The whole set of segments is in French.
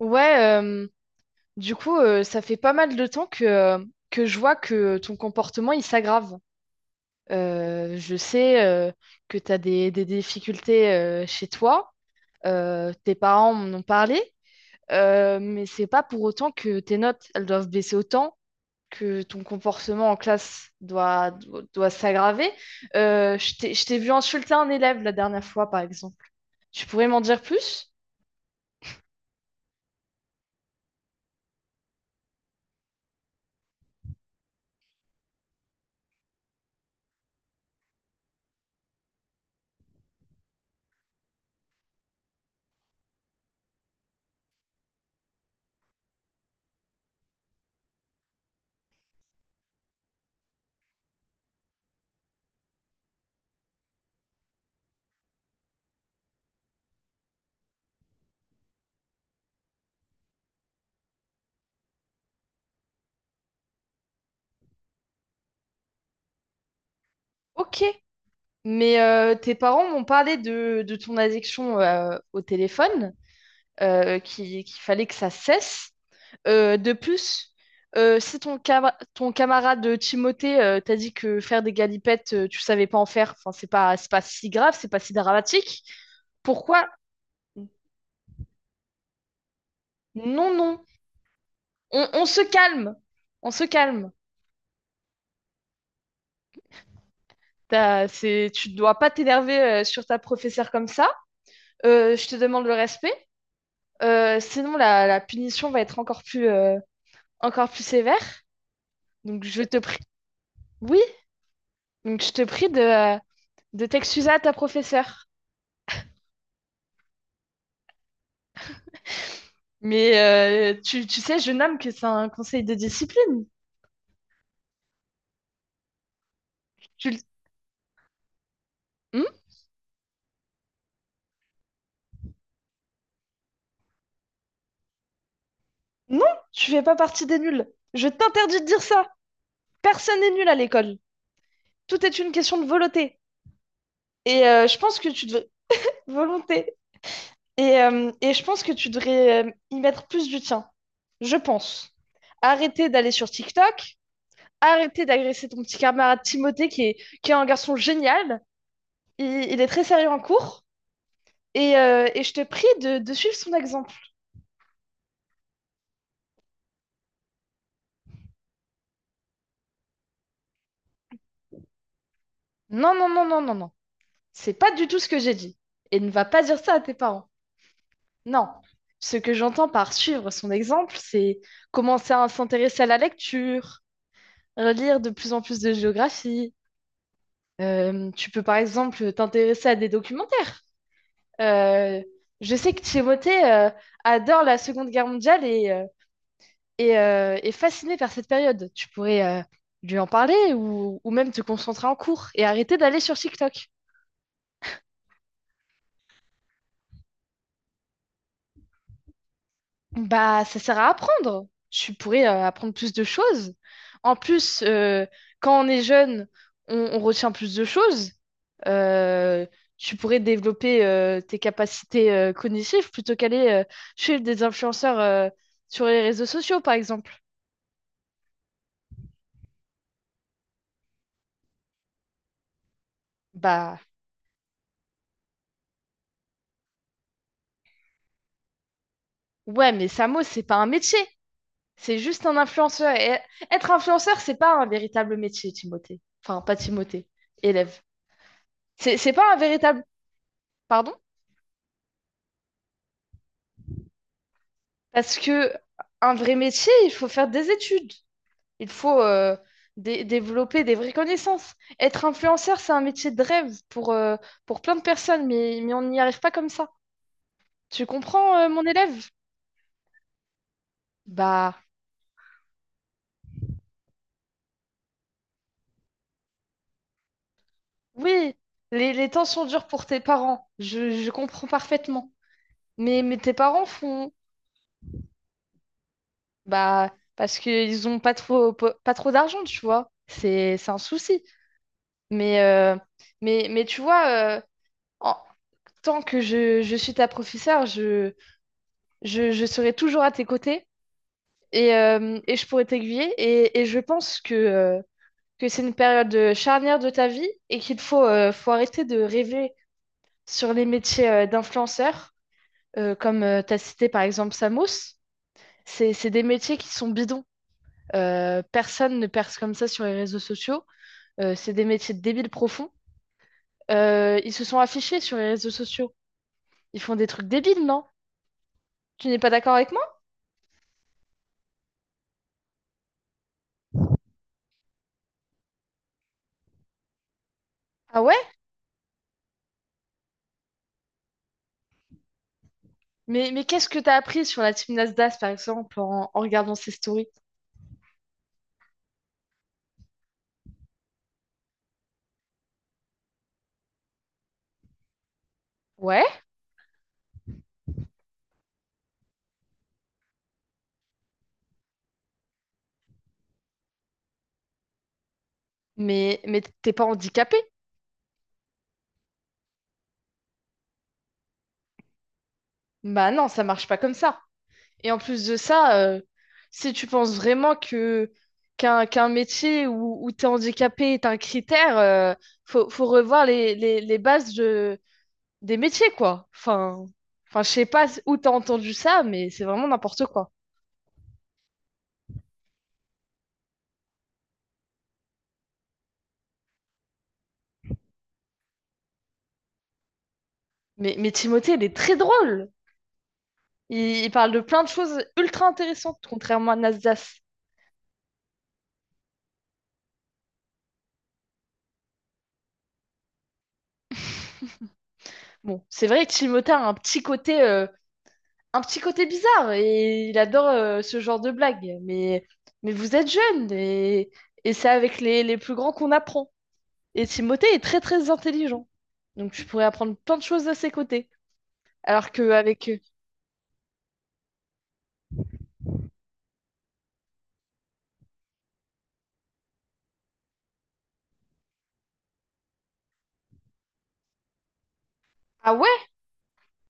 Ouais, ça fait pas mal de temps que je vois que ton comportement, il s'aggrave. Je sais que tu as des difficultés chez toi, tes parents m'en ont parlé, mais c'est pas pour autant que tes notes, elles doivent baisser autant, que ton comportement en classe doit s'aggraver. Je t'ai vu insulter un élève la dernière fois, par exemple. Tu pourrais m'en dire plus? Ok. Mais tes parents m'ont parlé de ton addiction au téléphone, qu'il fallait que ça cesse. De plus, si ton camarade Timothée t'a dit que faire des galipettes, tu savais pas en faire, enfin, c'est pas si grave, c'est pas si dramatique, pourquoi? Non, non, on se calme, on se calme. C'est, tu ne dois pas t'énerver sur ta professeure comme ça. Je te demande le respect. Sinon, la punition va être encore encore plus sévère. Donc je te prie, oui, donc je te prie de t'excuser à ta professeure. Mais tu sais, je nomme que c'est un conseil de discipline. Tu le- Hmm. Non, tu fais pas partie des nuls. Je t'interdis de dire ça. Personne n'est nul à l'école. Tout est une question de volonté. Je pense que tu devrais… Volonté. Et je pense que tu devrais y mettre plus du tien. Je pense. Arrêtez d'aller sur TikTok, arrêtez d'agresser ton petit camarade qui est un garçon génial. Il, il est très sérieux en cours et je te prie de suivre son exemple. Non, non, non, non, non, non. C'est pas du tout ce que j'ai dit. Et ne va pas dire ça à tes parents. Non. Ce que j'entends par suivre son exemple, c'est commencer à s'intéresser à la lecture, relire de plus en plus de géographie. Tu peux par exemple t'intéresser à des documentaires. Euh, je sais que Timothée adore la Seconde Guerre mondiale et fasciné par cette période. Tu pourrais lui en parler ou même te concentrer en cours et arrêter d'aller sur TikTok. Bah, ça sert à apprendre. Tu pourrais apprendre plus de choses. En quand on est jeune, on retient plus de choses. Euh, tu pourrais développer tes capacités cognitives plutôt qu'aller chez des influenceurs sur les réseaux sociaux, par exemple. Bah, ouais, mais Samo, c'est pas un métier. C'est juste un influenceur. Et être influenceur, c'est pas un véritable métier, Timothée. Enfin, pas Timothée, élève. C'est pas un véritable. Pardon? Parce que un vrai métier, il faut faire des études. Il faut développer des vraies connaissances. Être influenceur, c'est un métier de rêve pour plein de personnes, mais on n'y arrive pas comme ça. Tu comprends, mon élève? Bah oui, les temps sont durs pour tes parents. Je comprends parfaitement. Mais tes parents font, Bah, parce qu'ils ont pas pas trop d'argent, tu vois. C'est un souci. Mais, euh, mais tu vois, en tant que je suis ta professeure, je serai toujours à tes côtés et je pourrai t'aiguiller. Et je pense que c'est une période charnière de ta vie et qu'il faut, faut arrêter de rêver sur les métiers d'influenceurs, comme tu as cité par exemple Samos. C'est des métiers qui sont bidons. Personne ne perce comme ça sur les réseaux sociaux. C'est des métiers de débiles profonds. Ils se sont affichés sur les réseaux sociaux. Ils font des trucs débiles, non? Tu n'es pas d'accord avec moi? Ah ouais? Mais qu'est-ce que t'as appris sur la team Nasdaq, par exemple, en regardant ses stories? Ouais, mais t'es pas handicapé? Bah non, ça marche pas comme ça. Et en plus de ça, si tu penses vraiment que qu'un métier où t'es handicapé est un critère, faut revoir les bases des métiers, quoi. Enfin, enfin, je sais pas où t'as entendu ça, mais c'est vraiment n'importe quoi. Mais Timothée, il est très drôle. Il, il parle de plein de choses ultra intéressantes, contrairement à Nasdas. Bon, c'est vrai que Timothée a un petit côté bizarre et il adore ce genre de blagues. Mais vous êtes jeune et c'est avec les plus grands qu'on apprend. Et Timothée est très très intelligent. Donc tu pourrais apprendre plein de choses de ses côtés. Alors qu'avec… Ah ouais?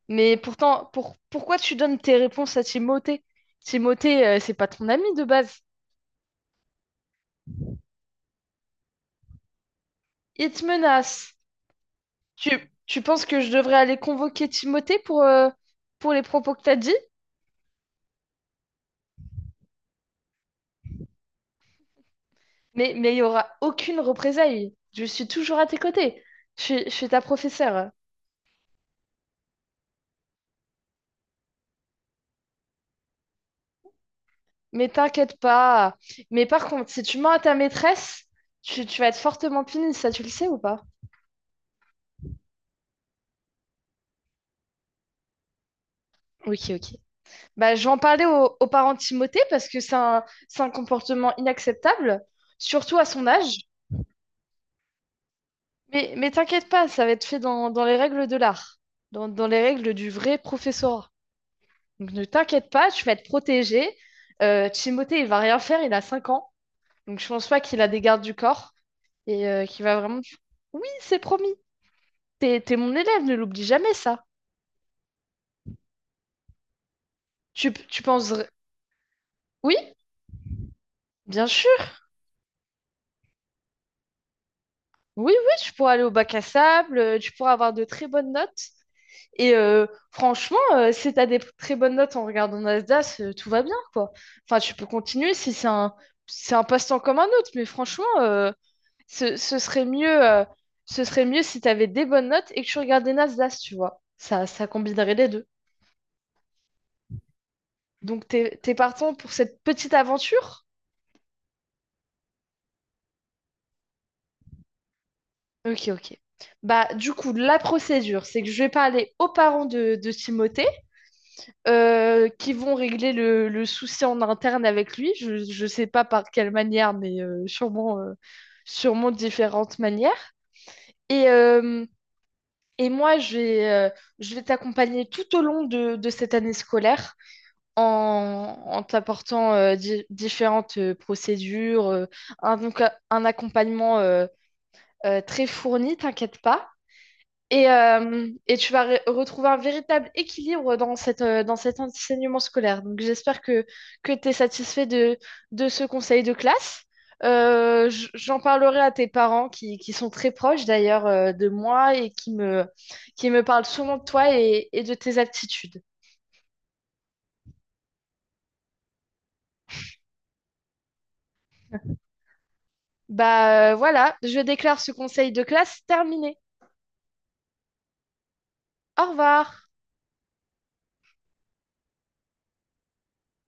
Mais pourtant, pourquoi tu donnes tes réponses à Timothée? Timothée, c'est pas ton ami de base. Il te menace. Tu, tu penses que je devrais aller convoquer Timothée pour les propos que t'as dit? Mais il n'y aura aucune représailles. Je suis toujours à tes côtés. Je suis ta professeure. Mais t'inquiète pas. Mais par contre, si tu mens à ta maîtresse, tu vas être fortement punie, ça tu le sais ou pas? Ok, ok. Bah, je vais en parler aux parents de Timothée parce que c'est c'est un comportement inacceptable, surtout à son âge. Mais t'inquiète pas, ça va être fait dans les règles de l'art, dans les règles du vrai professorat. Donc ne t'inquiète pas, tu vas être protégé. Timothée, il va rien faire, il a 5 ans. Donc je pense pas qu'il a des gardes du corps qu'il va vraiment… Oui, c'est promis. T'es mon élève, ne l'oublie jamais ça. Tu penses… Oui, bien sûr. Oui, oui, tu pourras aller au bac à sable, tu pourras avoir de très bonnes notes. Si tu as des très bonnes notes en regardant Nasdaq, tout va bien, quoi. Enfin, tu peux continuer si c'est c'est un passe-temps comme un autre, mais franchement, ce serait ce serait mieux si tu avais des bonnes notes et que tu regardais Nasdaq, tu vois. Ça combinerait les deux. T'es partant pour cette petite aventure? Ok, ok. Bah, du coup, la procédure, c'est que je vais parler aux parents de Timothée qui vont régler le souci en interne avec lui. Je ne sais pas par quelle manière, mais sûrement différentes manières. Et, euh, et moi, je vais, euh, je vais t'accompagner tout au long de cette année scolaire en t'apportant différentes procédures, un, donc, un accompagnement très fourni, t'inquiète pas. Et tu vas retrouver un véritable équilibre dans cette, dans cet enseignement scolaire. Donc j'espère que tu es satisfait de ce conseil de classe. J'en parlerai à tes parents qui sont très proches d'ailleurs de moi et qui qui me parlent souvent de toi et de tes aptitudes. Bah voilà, je déclare ce conseil de classe terminé. Au revoir.